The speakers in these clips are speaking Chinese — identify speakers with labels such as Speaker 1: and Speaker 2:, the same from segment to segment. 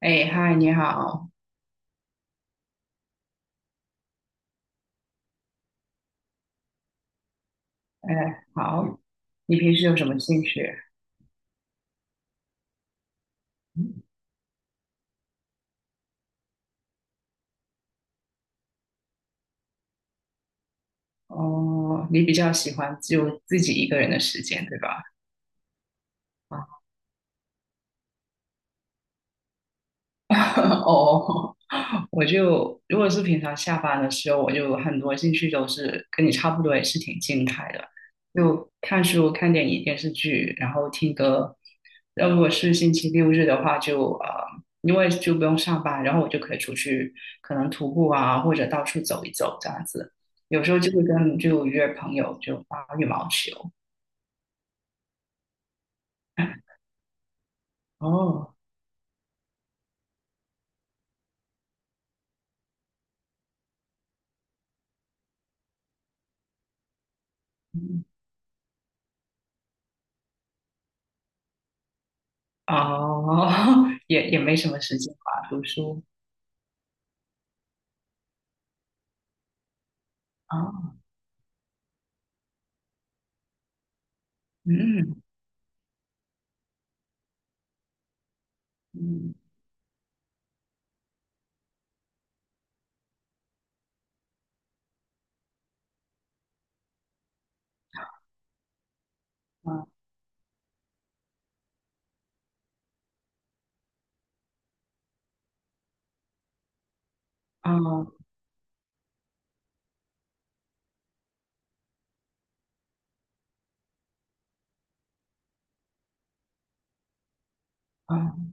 Speaker 1: 哎，嗨，你好，哎，好，你平时有什么兴趣？哦，你比较喜欢就自己一个人的时间，对吧？啊。哦，我就如果是平常下班的时候，我就很多兴趣都是跟你差不多，也是挺静态的，就看书、看电影、电视剧，然后听歌。那如果是星期六日的话就，因为就不用上班，然后我就可以出去，可能徒步啊，或者到处走一走这样子。有时候就会约朋友就打羽毛球。哦，嗯哦，也没什么时间吧，读书。啊，嗯。嗯啊啊啊！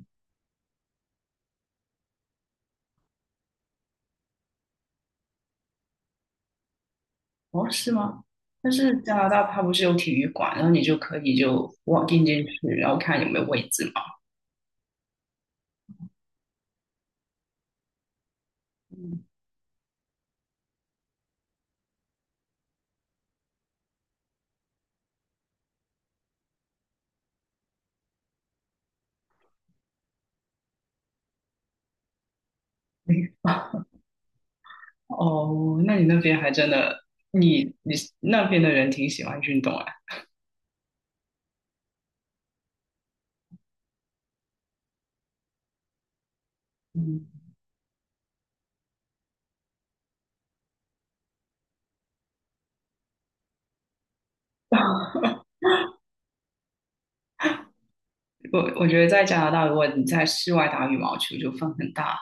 Speaker 1: 哦，是吗？但是加拿大它不是有体育馆，然后你就可以就 w a 进去，然后看有没有位置嘛。嗯诶 哦，那你那边还真的，你那边的人挺喜欢运动啊。嗯，我觉得在加拿大，如果你在室外打羽毛球，就风很大。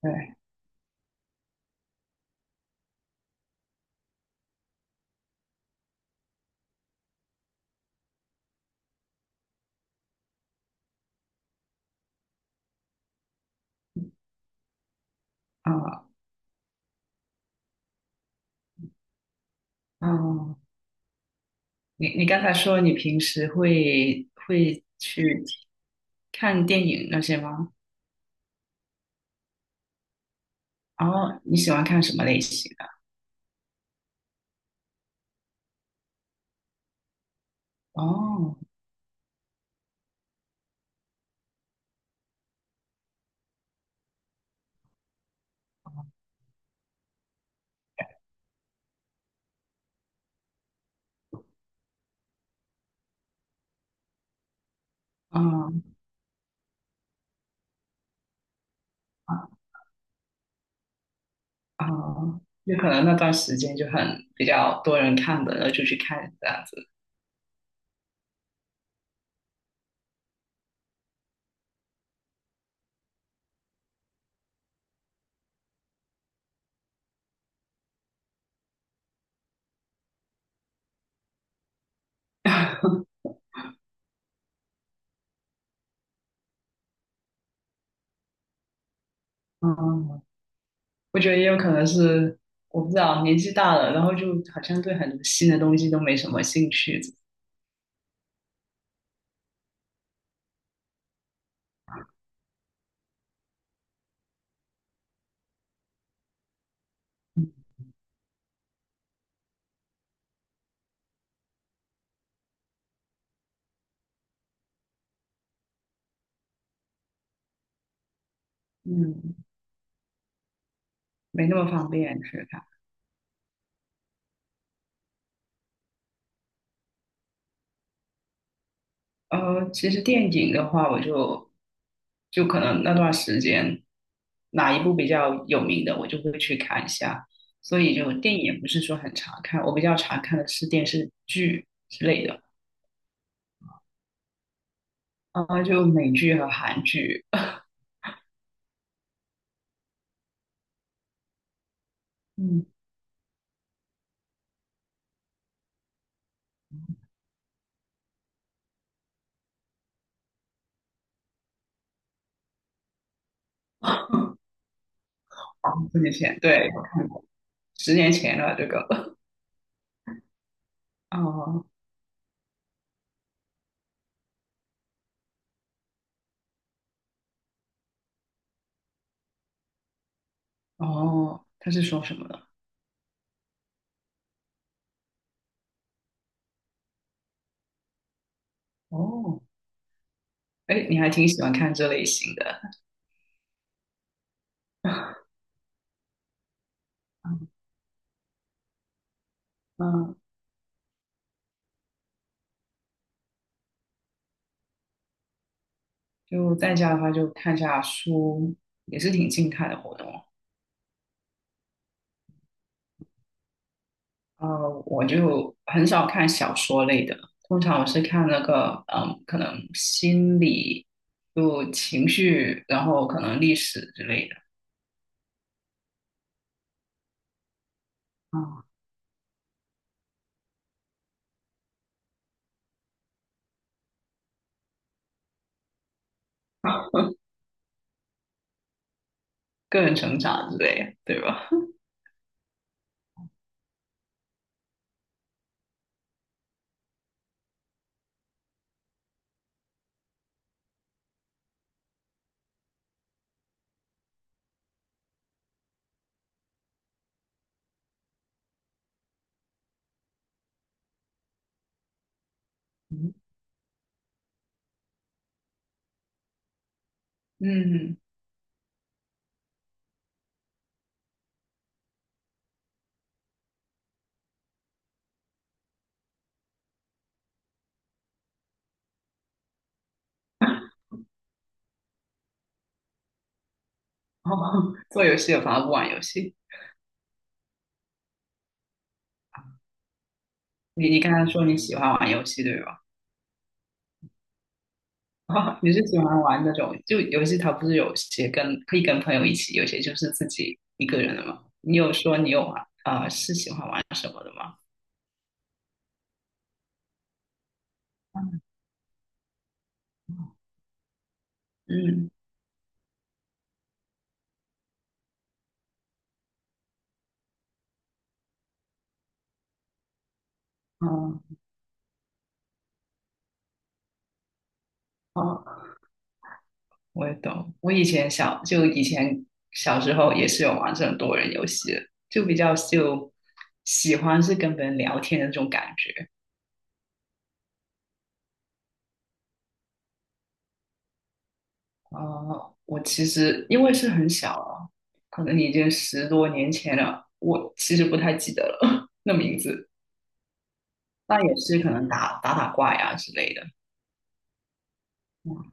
Speaker 1: 对，啊啊，你刚才说你平时会去看电影那些吗？然后你喜欢看什么类型？哦，嗯啊啊，就可能那段时间就很比较多人看的，然后就去看这样子。嗯，我觉得也有可能是我不知道年纪大了，然后就好像对很多新的东西都没什么兴趣，嗯，没那么方便去看。其实电影的话，我就可能那段时间哪一部比较有名的，我就会去看一下。所以就电影也不是说很常看，我比较常看的是电视剧之类的。啊，就美剧和韩剧，嗯，好，十年前，对，十年前了这个，哦哦，他是说什么的？哦，哎，你还挺喜欢看这类型的，嗯，就在家的话就看下书，也是挺静态的活动。呃，我就很少看小说类的，通常我是看那个，可能心理，就情绪，然后可能历史之类的，啊、个人成长之类的，对吧？嗯，哦，做游戏有反而不玩游戏。你刚才说你喜欢玩游戏对吧？你是喜欢玩那种就游戏，它不是有些可以跟朋友一起，有些就是自己一个人的嘛。你有说你有玩啊、是喜欢玩什么的吗？嗯，哦哦，我也懂。我以前小时候也是有玩这种多人游戏的，就比较就喜欢是跟别人聊天的那种感觉。啊，我其实因为是很小了，可能已经10多年前了，我其实不太记得了 那名字。那也是可能打打怪呀之类的。嗯，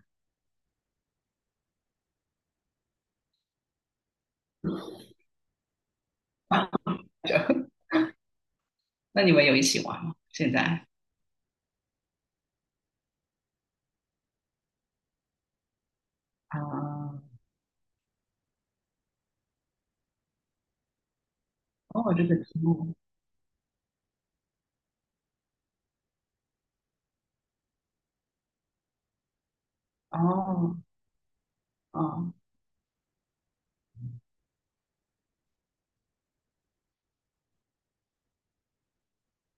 Speaker 1: 那你们有一起玩吗？现在？啊，哦，这个题目，哦，哦，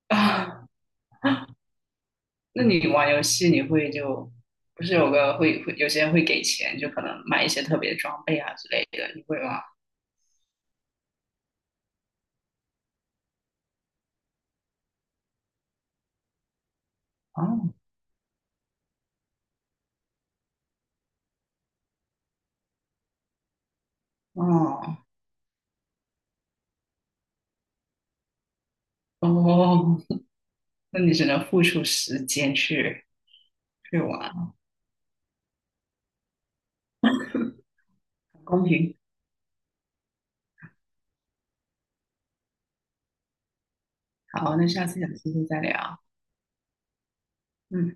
Speaker 1: 啊，那你玩游戏你会就不是有个会有些人会给钱，就可能买一些特别装备啊之类的，你会吗？哦，哦，哦。那你只能付出时间去玩，公平。好，那下次有机会再聊。嗯。